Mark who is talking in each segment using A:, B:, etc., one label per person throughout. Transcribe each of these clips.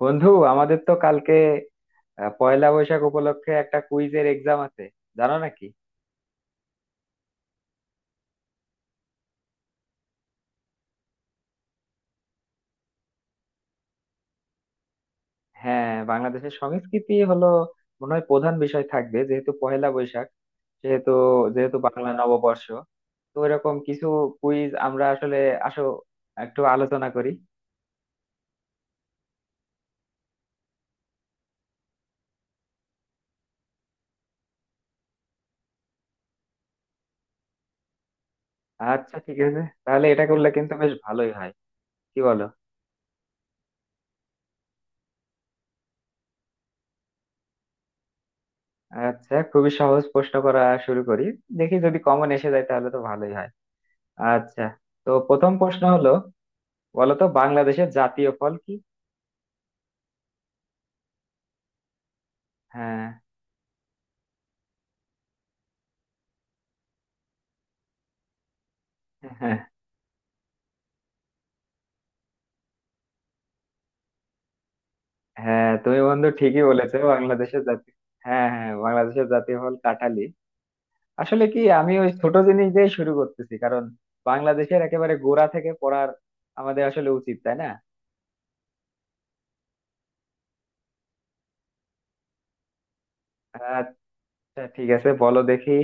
A: বন্ধু আমাদের তো কালকে পয়লা বৈশাখ উপলক্ষে একটা কুইজের এক্সাম আছে, জানো নাকি? হ্যাঁ, বাংলাদেশের সংস্কৃতি হলো মনে হয় প্রধান বিষয় থাকবে, যেহেতু পয়লা বৈশাখ, সেহেতু যেহেতু বাংলা নববর্ষ। তো এরকম কিছু কুইজ আমরা আসলে, আসো একটু আলোচনা করি। আচ্ছা ঠিক আছে, তাহলে এটা করলে কিন্তু বেশ ভালোই হয়, কি বলো? আচ্ছা, খুবই সহজ প্রশ্ন করা শুরু করি, দেখি যদি কমন এসে যায় তাহলে তো ভালোই হয়। আচ্ছা, তো প্রথম প্রশ্ন হলো, বলতো বাংলাদেশের জাতীয় ফল কি? হ্যাঁ হ্যাঁ হ্যাঁ, তুমি বন্ধু ঠিকই বলেছো, বাংলাদেশের জাতীয়, হ্যাঁ হ্যাঁ, বাংলাদেশের জাতীয় ফল কাঁঠালি। আসলে কি, আমি ওই ছোট জিনিস দিয়ে শুরু করতেছি, কারণ বাংলাদেশের একেবারে গোড়া থেকে পড়ার আমাদের আসলে উচিত, তাই না? আচ্ছা ঠিক আছে, বলো দেখি।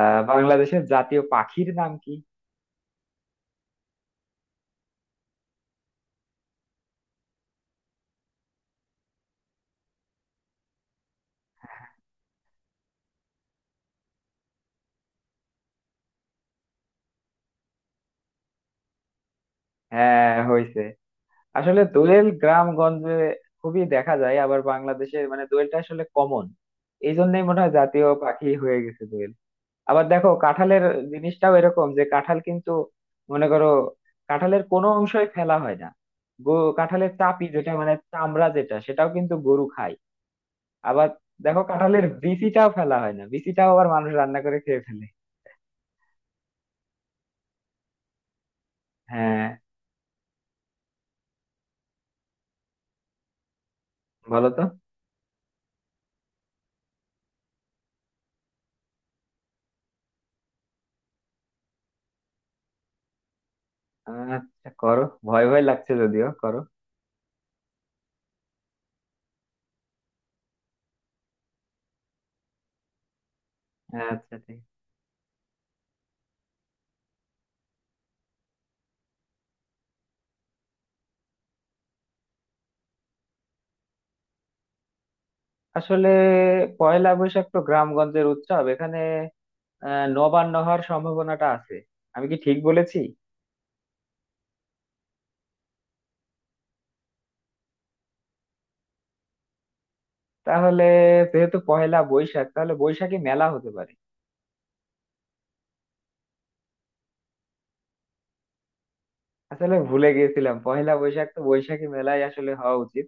A: আহ, বাংলাদেশের জাতীয় পাখির নাম কি? হ্যাঁ, হয়েছে। আসলে দোয়েল গ্রামগঞ্জে খুবই দেখা যায়, আবার বাংলাদেশে মানে দোয়েলটা আসলে কমন। এই জন্যই মনে হয় জাতীয় পাখি হয়ে গেছে দোয়েল। আবার দেখো কাঁঠালের জিনিসটাও এরকম, যে কাঁঠাল কিন্তু, মনে করো, কাঁঠালের কোনো অংশই ফেলা হয় না। কাঁঠালের চাপি যেটা মানে চামড়া যেটা, সেটাও কিন্তু গরু খায়। আবার দেখো, কাঁঠালের বিচিটাও ফেলা হয় না, বিচিটাও আবার মানুষ রান্না করে খেয়ে ফেলে। হ্যাঁ, বলো তো। আচ্ছা করো, ভয় ভয় লাগছে যদিও, করো। আচ্ছা ঠিক। আসলে পয়লা বৈশাখ তো গ্রামগঞ্জের উৎসব, এখানে আহ নবান্ন হওয়ার সম্ভাবনাটা আছে। আমি কি ঠিক বলেছি? তাহলে যেহেতু পহেলা বৈশাখ, তাহলে বৈশাখী মেলা হতে পারে। আসলে ভুলে গেছিলাম, পহেলা বৈশাখ তো বৈশাখী মেলাই আসলে হওয়া উচিত,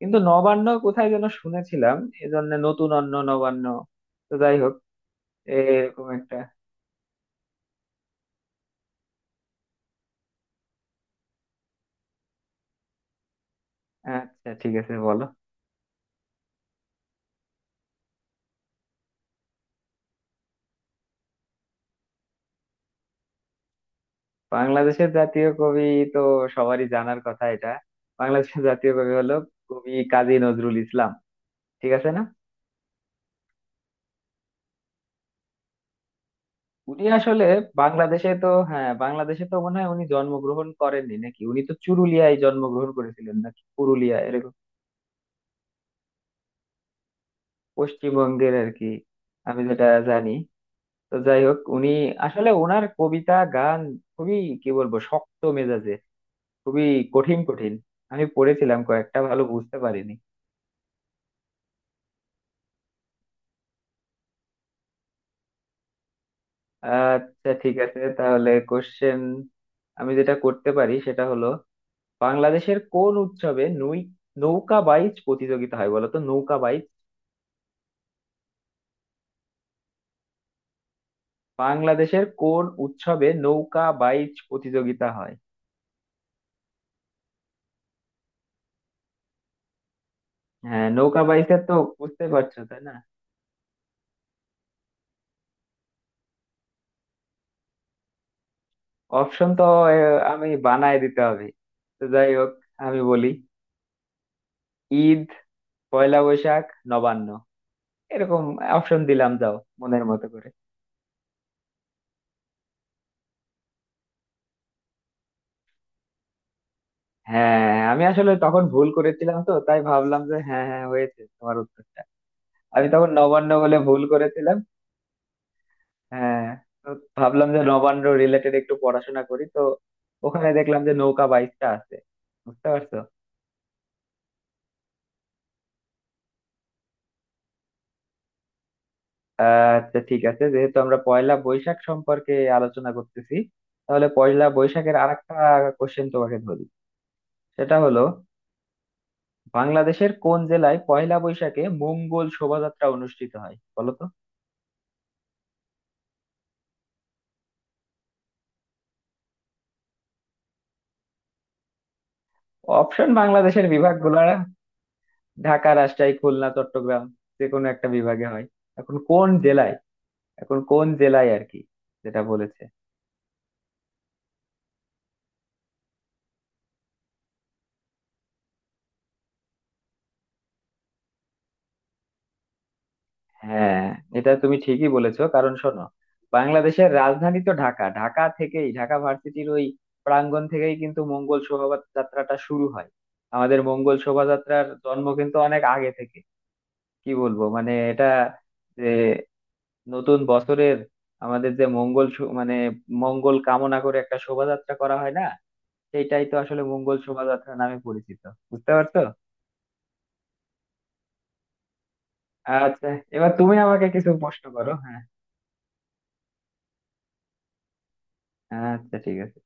A: কিন্তু নবান্ন কোথায় যেন শুনেছিলাম, এজন্য নতুন অন্ন নবান্ন। তো যাই হোক, এরকম একটা। আচ্ছা ঠিক আছে, বলো বাংলাদেশের জাতীয় কবি তো সবারই জানার কথা এটা। বাংলাদেশের জাতীয় কবি হলো কবি কাজী নজরুল ইসলাম, ঠিক আছে না? উনি আসলে বাংলাদেশে তো, হ্যাঁ বাংলাদেশে তো মনে হয় উনি জন্মগ্রহণ করেননি, নাকি উনি তো চুরুলিয়ায় জন্মগ্রহণ করেছিলেন, নাকি পুরুলিয়া এরকম পশ্চিমবঙ্গের আর কি, আমি যেটা জানি। তো যাই হোক, উনি আসলে ওনার কবিতা গান খুবই কি বলবো শক্ত মেজাজে, খুবই কঠিন কঠিন। আমি পড়েছিলাম কয়েকটা, ভালো বুঝতে পারিনি। আচ্ছা ঠিক আছে, তাহলে কোশ্চেন আমি যেটা করতে পারি সেটা হলো, বাংলাদেশের কোন উৎসবে নৌকা বাইচ প্রতিযোগিতা হয় বলো তো, নৌকা বাইচ। বাংলাদেশের কোন উৎসবে নৌকা বাইচ প্রতিযোগিতা হয়? হ্যাঁ, নৌকা বাইচের তো বুঝতে পারছো, তাই না? অপশন তো আমি বানায় দিতে হবে। তো যাই হোক, আমি বলি, ঈদ, পয়লা বৈশাখ, নবান্ন, এরকম অপশন দিলাম, যাও মনের মতো করে। হ্যাঁ, আমি আসলে তখন ভুল করেছিলাম তো, তাই ভাবলাম যে হ্যাঁ হ্যাঁ, হয়েছে তোমার উত্তরটা। আমি তখন নবান্ন বলে ভুল করেছিলাম। হ্যাঁ, তো ভাবলাম যে নবান্ন রিলেটেড একটু পড়াশোনা করি, তো ওখানে দেখলাম যে নৌকা বাইচটা আছে, বুঝতে পারছো? আচ্ছা ঠিক আছে, যেহেতু আমরা পয়লা বৈশাখ সম্পর্কে আলোচনা করতেছি, তাহলে পয়লা বৈশাখের আরেকটা কোশ্চেন তোমাকে ধরি। সেটা হলো, বাংলাদেশের কোন জেলায় পয়লা বৈশাখে মঙ্গল শোভাযাত্রা অনুষ্ঠিত হয় বলো তো। অপশন বাংলাদেশের বিভাগগুলো, ঢাকা, রাজশাহী, খুলনা, চট্টগ্রাম, যে কোনো একটা বিভাগে হয়, এখন কোন জেলায়, এখন কোন জেলায় আর কি, যেটা বলেছে। হ্যাঁ, এটা তুমি ঠিকই বলেছো, কারণ শোনো, বাংলাদেশের রাজধানী তো ঢাকা, ঢাকা থেকেই, ঢাকা ভার্সিটির ওই প্রাঙ্গণ থেকেই কিন্তু মঙ্গল শোভাযাত্রাটা শুরু হয়। আমাদের মঙ্গল শোভাযাত্রার জন্ম কিন্তু অনেক আগে থেকে। কি বলবো মানে, এটা যে নতুন বছরের আমাদের যে মানে মঙ্গল কামনা করে একটা শোভাযাত্রা করা হয় না, সেইটাই তো আসলে মঙ্গল শোভাযাত্রা নামে পরিচিত, বুঝতে পারছো? আচ্ছা, এবার তুমি আমাকে কিছু প্রশ্ন করো, হ্যাঁ। আচ্ছা ঠিক আছে,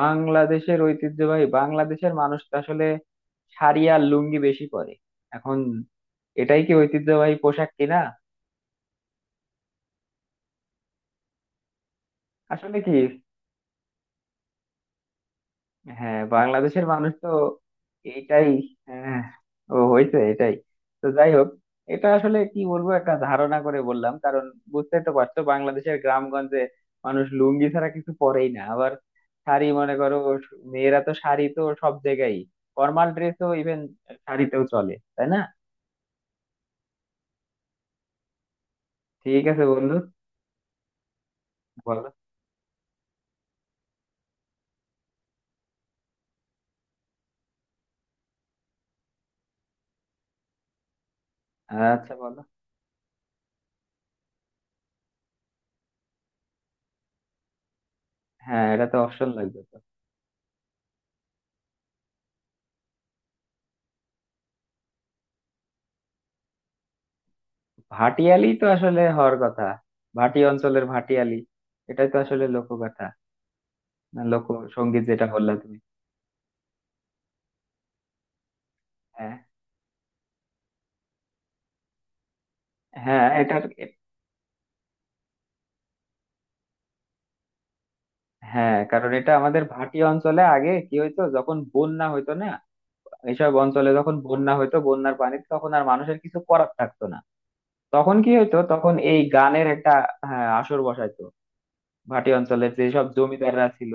A: বাংলাদেশের ঐতিহ্যবাহী, বাংলাদেশের মানুষ তো আসলে শাড়ি আর লুঙ্গি বেশি পরে এখন, এটাই কি ঐতিহ্যবাহী পোশাক কিনা? আসলে কি, হ্যাঁ, বাংলাদেশের মানুষ তো, এইটাই, হ্যাঁ, ও হয়েছে এটাই। তো যাই হোক, এটা আসলে কি বলবো, একটা ধারণা করে বললাম, কারণ বুঝতেই তো পারছো বাংলাদেশের গ্রামগঞ্জে মানুষ লুঙ্গি ছাড়া কিছু পরেই না, আবার শাড়ি, মনে করো মেয়েরা তো শাড়ি তো সব জায়গায়, ফর্মাল ড্রেসও ইভেন শাড়িতেও চলে, তাই না? ঠিক আছে বন্ধু, বলো। আচ্ছা বলো, হ্যাঁ এটা তো অপশন লাগবে তো। ভাটিয়ালি তো আসলে হওয়ার কথা, ভাটি অঞ্চলের ভাটিয়ালি, এটাই তো আসলে লোকগাথা, না লোকসঙ্গীত যেটা বললা তুমি। হ্যাঁ হ্যাঁ, এটা হ্যাঁ, কারণ এটা আমাদের ভাটি অঞ্চলে আগে কি হইতো, যখন বন্যা হইতো না, এইসব অঞ্চলে যখন বন্যা হইতো, বন্যার পানিতে তখন আর মানুষের কিছু করার থাকতো না, তখন কি হইতো, তখন এই গানের একটা, হ্যাঁ আসর বসাইতো। ভাটি অঞ্চলের যেসব জমিদাররা ছিল,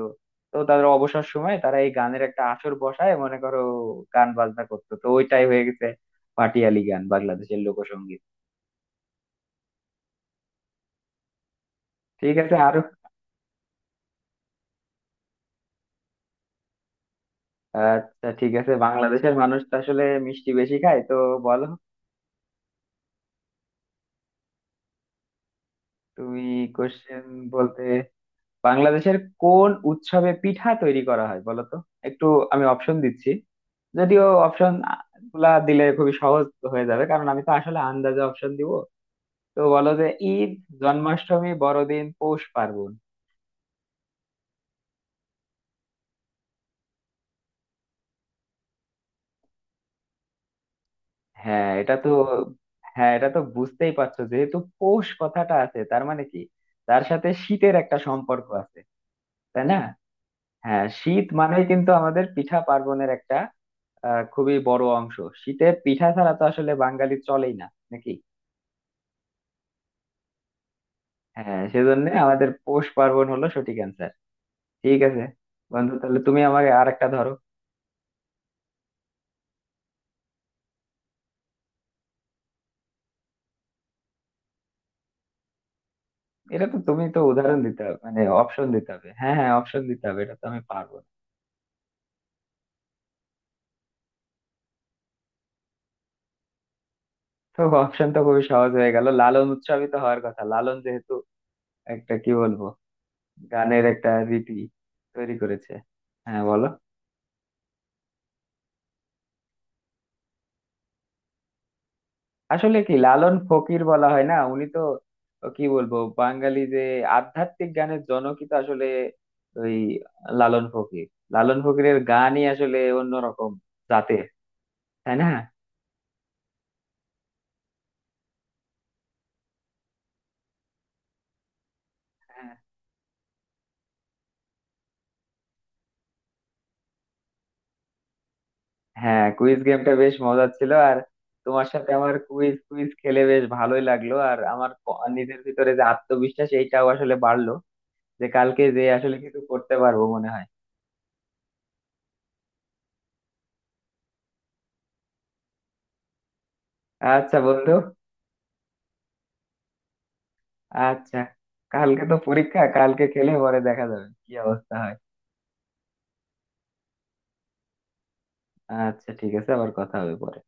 A: তো তাদের অবসর সময়ে তারা এই গানের একটা আসর বসায় মনে করো, গান বাজনা করতো, তো ওইটাই হয়ে গেছে পাটিয়ালি গান, বাংলাদেশের লোকসঙ্গীত। ঠিক আছে আরো। আচ্ছা ঠিক আছে, বাংলাদেশের মানুষ তো আসলে মিষ্টি বেশি খায় তো, বলো তুমি। কোশ্চেন বলতে, বাংলাদেশের কোন উৎসবে পিঠা তৈরি করা হয় বলো তো, একটু আমি অপশন দিচ্ছি, যদিও অপশন গুলা দিলে খুবই সহজ হয়ে যাবে, কারণ আমি তো আসলে আন্দাজে অপশন দিব। তো বলো যে, ঈদ, জন্মাষ্টমী, বড়দিন, পৌষ পার্বণ। হ্যাঁ, এটা তো, হ্যাঁ এটা তো বুঝতেই পারছো, যেহেতু পৌষ কথাটা আছে, তার মানে কি, তার সাথে শীতের একটা সম্পর্ক আছে, তাই না? হ্যাঁ, শীত মানেই কিন্তু আমাদের পিঠা পার্বণের একটা আহ খুবই বড় অংশ। শীতে পিঠা ছাড়া তো আসলে বাঙালি চলেই না, নাকি? হ্যাঁ, সেজন্য আমাদের পৌষ পার্বণ হলো সঠিক অ্যান্সার। ঠিক আছে বন্ধু, তাহলে তুমি আমাকে আর একটা ধরো। এটা তো তুমি তো উদাহরণ দিতে হবে, মানে অপশন দিতে হবে, হ্যাঁ হ্যাঁ, অপশন দিতে হবে, এটা তো আমি পারবো না। তো অপশন তো খুবই সহজ হয়ে গেল, লালন উৎসবই তো হওয়ার কথা, লালন যেহেতু একটা কি বলবো গানের একটা রীতি তৈরি করেছে। হ্যাঁ, বলো। আসলে কি, লালন ফকির বলা হয় না, উনি তো ও কি বলবো বাঙালি যে আধ্যাত্মিক গানের জনকই তো আসলে ওই লালন ফকির। লালন ফকিরের গানই আসলে অন্যরকম জাতের, তাই না? হ্যাঁ, কুইজ গেমটা বেশ মজার ছিল। আর তোমার সাথে আমার কুইজ কুইজ খেলে বেশ ভালোই লাগলো, আর আমার নিজের ভিতরে যে আত্মবিশ্বাস এইটাও আসলে বাড়লো, যে কালকে যে আসলে কিছু করতে পারবো মনে হয়। আচ্ছা বন্ধু, আচ্ছা, কালকে তো পরীক্ষা, কালকে খেলে পরে দেখা যাবে কি অবস্থা হয়। আচ্ছা ঠিক আছে, আবার কথা হবে পরে।